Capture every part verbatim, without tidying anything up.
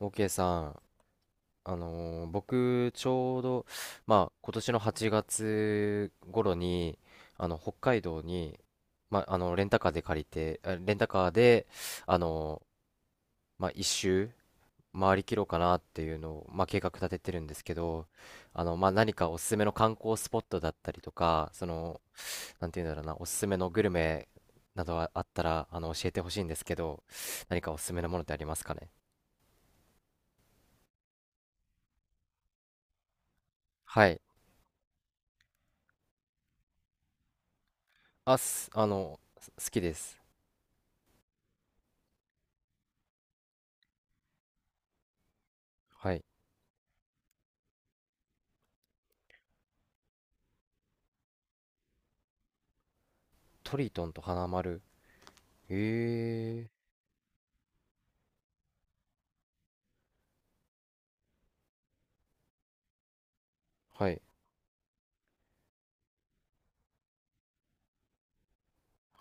OK さん、あのー僕ちょうど、まあ、今年のはちがつ頃にあの北海道に、まあ、あのレンタカーで借りてあレンタカーで、あのーまあ、一周回りきろうかなっていうのを、まあ、計画立ててるんですけど、あの、まあ、何かおすすめの観光スポットだったりとかそのなんていうんだろうな、おすすめのグルメなどあったらあの教えてほしいんですけど、何かおすすめのものってありますかね？はい。あ、す、あの、す好きです。はい。トリトンと花丸。へえ。はい。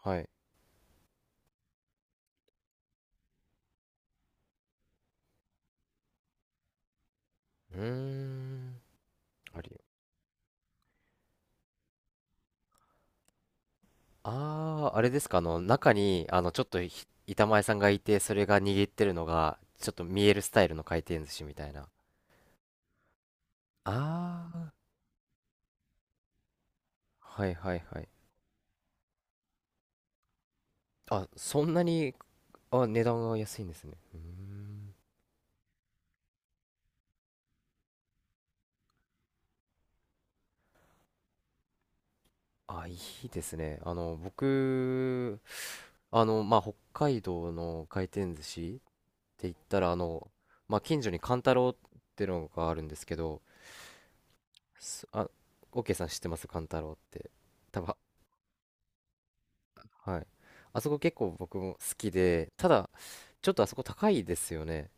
はい。うーん。あり。ああ、あれですか。あの、中に、あの、ちょっとひ板前さんがいて、それが握ってるのが、ちょっと見えるスタイルの回転寿司みたいな。ああ、はいはいはい。あ、そんなに。あ、値段が安いんですね。うーん。あ、いいですね。あの、僕、あの、まあ、北海道の回転寿司って言ったら、あの、まあ、近所にカンタロウってのがあるんですけど、すあ、オーケーさん、知ってますカンタロウって？多分。ははい。あそこ結構僕も好きで、ただ、ちょっとあそこ高いですよね、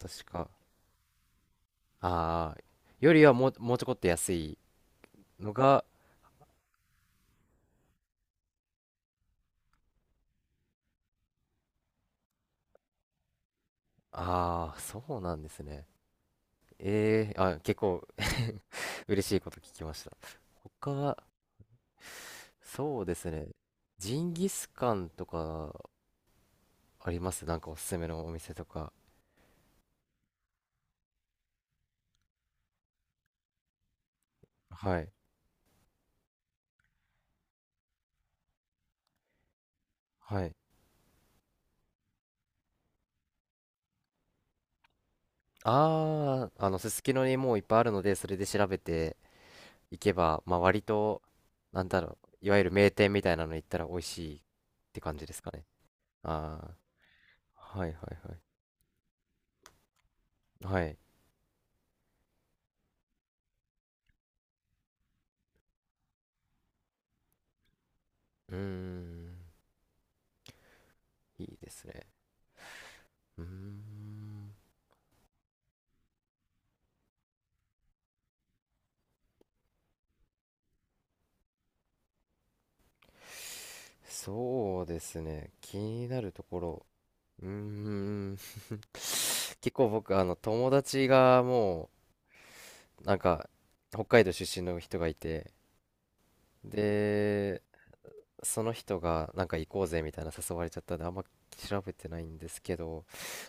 確か。ああ、よりはもう、もうちょこっと安いのが。ああ、そうなんですね。ええあ、結構 嬉しいこと聞きました。他は、そうですね。ジンギスカンとかありますなんかおすすめのお店とか。はい。はい。ああ、あの、すすきのにもういっぱいあるので、それで調べていけば、まあ割と、なんだろう、いわゆる名店みたいなの行ったら美味しいって感じですかね？ああ、はいはいはい。はい。うーん、いいですね。うーん。そうですね。気になるところ。うーん。結構僕、あの、友達がもう、なんか、北海道出身の人がいて、で、その人が、なんか行こうぜみたいな誘われちゃったんで、あんま調べてないんですけど、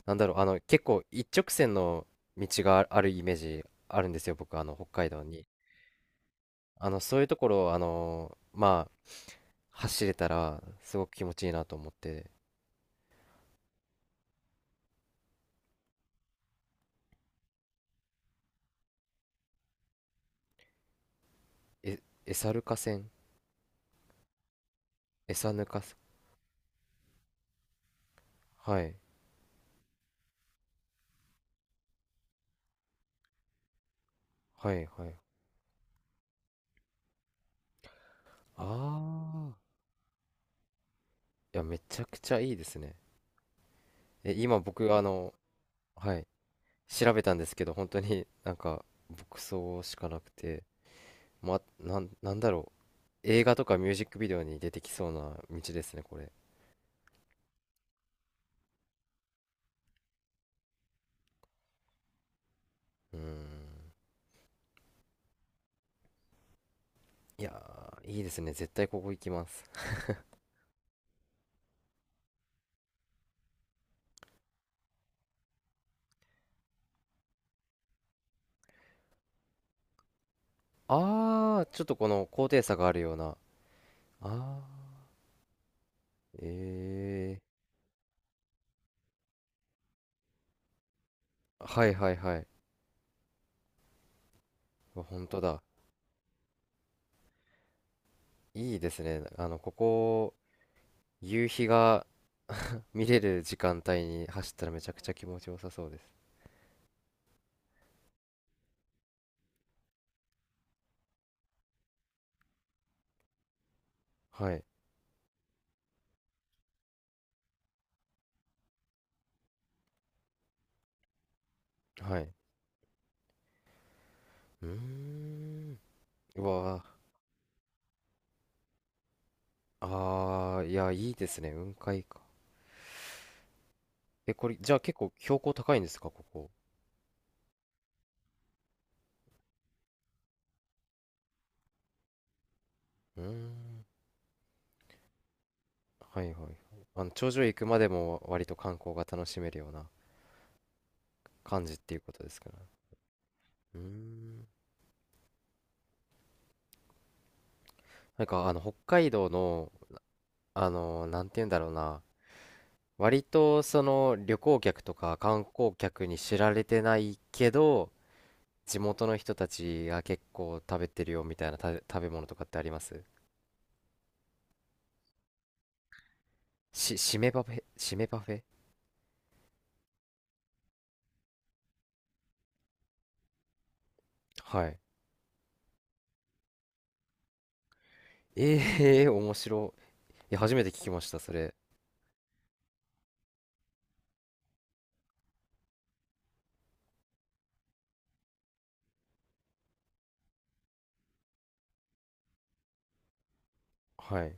なんだろう、あの、結構一直線の道がああるイメージあるんですよ、僕、あの、北海道に。あの、そういうところを、あの、まあ、走れたら、すごく気持ちいいなと思って。え、エサルカ線エサヌカ線。はい。はいはい。ああ。いや、めちゃくちゃいいですね。え、今僕、あの、はい、調べたんですけど、本当になんか、牧草しかなくて、ま、なん、なんだろう。映画とかミュージックビデオに出てきそうな道ですね、これ。うーん。いやー、いいですね。絶対ここ行きます。ああ、ちょっとこの高低差があるような。ああ。ええー。はいはいはい。うわ、本当だ。いいですね。あの、ここ、夕日が見れる時間帯に走ったらめちゃくちゃ気持ちよさそうです。はい。はい。うーん。うわー。あー、いや、いいですね。雲海か。え、これ、じゃあ結構標高高いんですか、ここ？うーん。はいはいはい。あの、頂上行くまでも割と観光が楽しめるような感じっていうことですかね？うーん。なんか、あの、北海道の、あの、なんて言うんだろうな。割とその旅行客とか観光客に知られてないけど、地元の人たちが結構食べてるよみたいなた食べ物とかってありますし、しめパフェ、しめパフェ。はい。ええー、面白い。いや、初めて聞きました、それ。はい。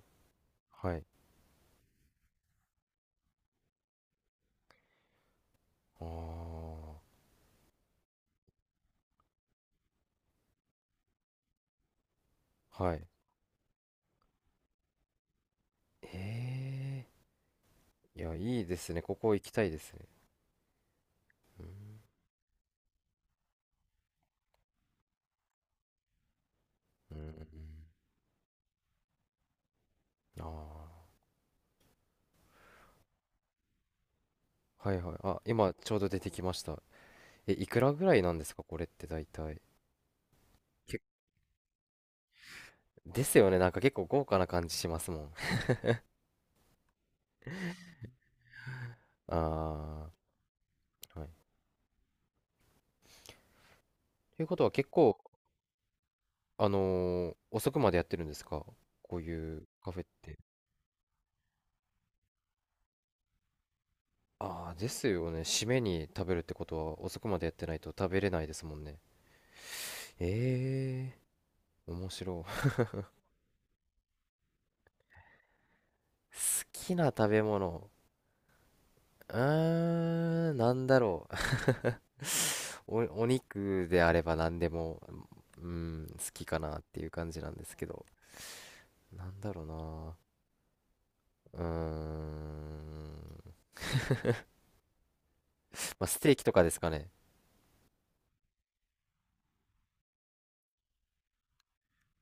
はい。ああ、はい。ええー、いや、いいですね。ここ行きたいですね。うん、うん、うん。ああ、はいはい。あ、今ちょうど出てきました。え、いくらぐらいなんですか、これって大体。ですよね。なんか結構豪華な感じしますもん。ああ、はい。ということは結構、あのー遅くまでやってるんですか、こういうカフェって？ああ、ですよね。締めに食べるってことは遅くまでやってないと食べれないですもんね。ええー、面白い。好きな食べ物。うーん、なんだろう。お、お肉であれば何でも、うん、好きかなっていう感じなんですけど。なんだろうな。うーん。まあ、ステーキとかですかね。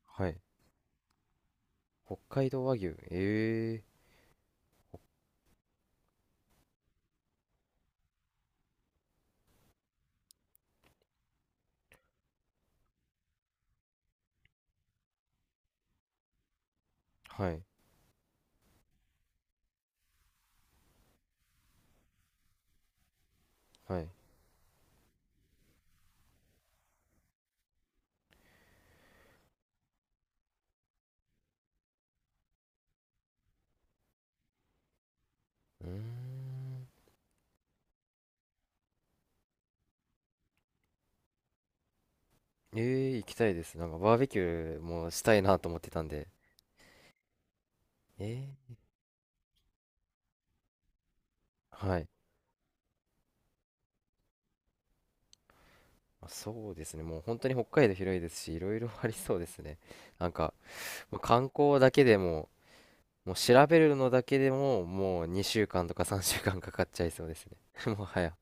はい。北海道和牛。ええー、はい。はい。うーん。ええー、行きたいです。なんかバーベキューもしたいなと思ってたんで。ええー、はい。まあ、そうですね。もう本当に北海道広いですし、いろいろありそうですね。なんか、もう観光だけでも、もう調べるのだけでも、もうにしゅうかんとかさんしゅうかんかんかかっちゃいそうですね。もはや。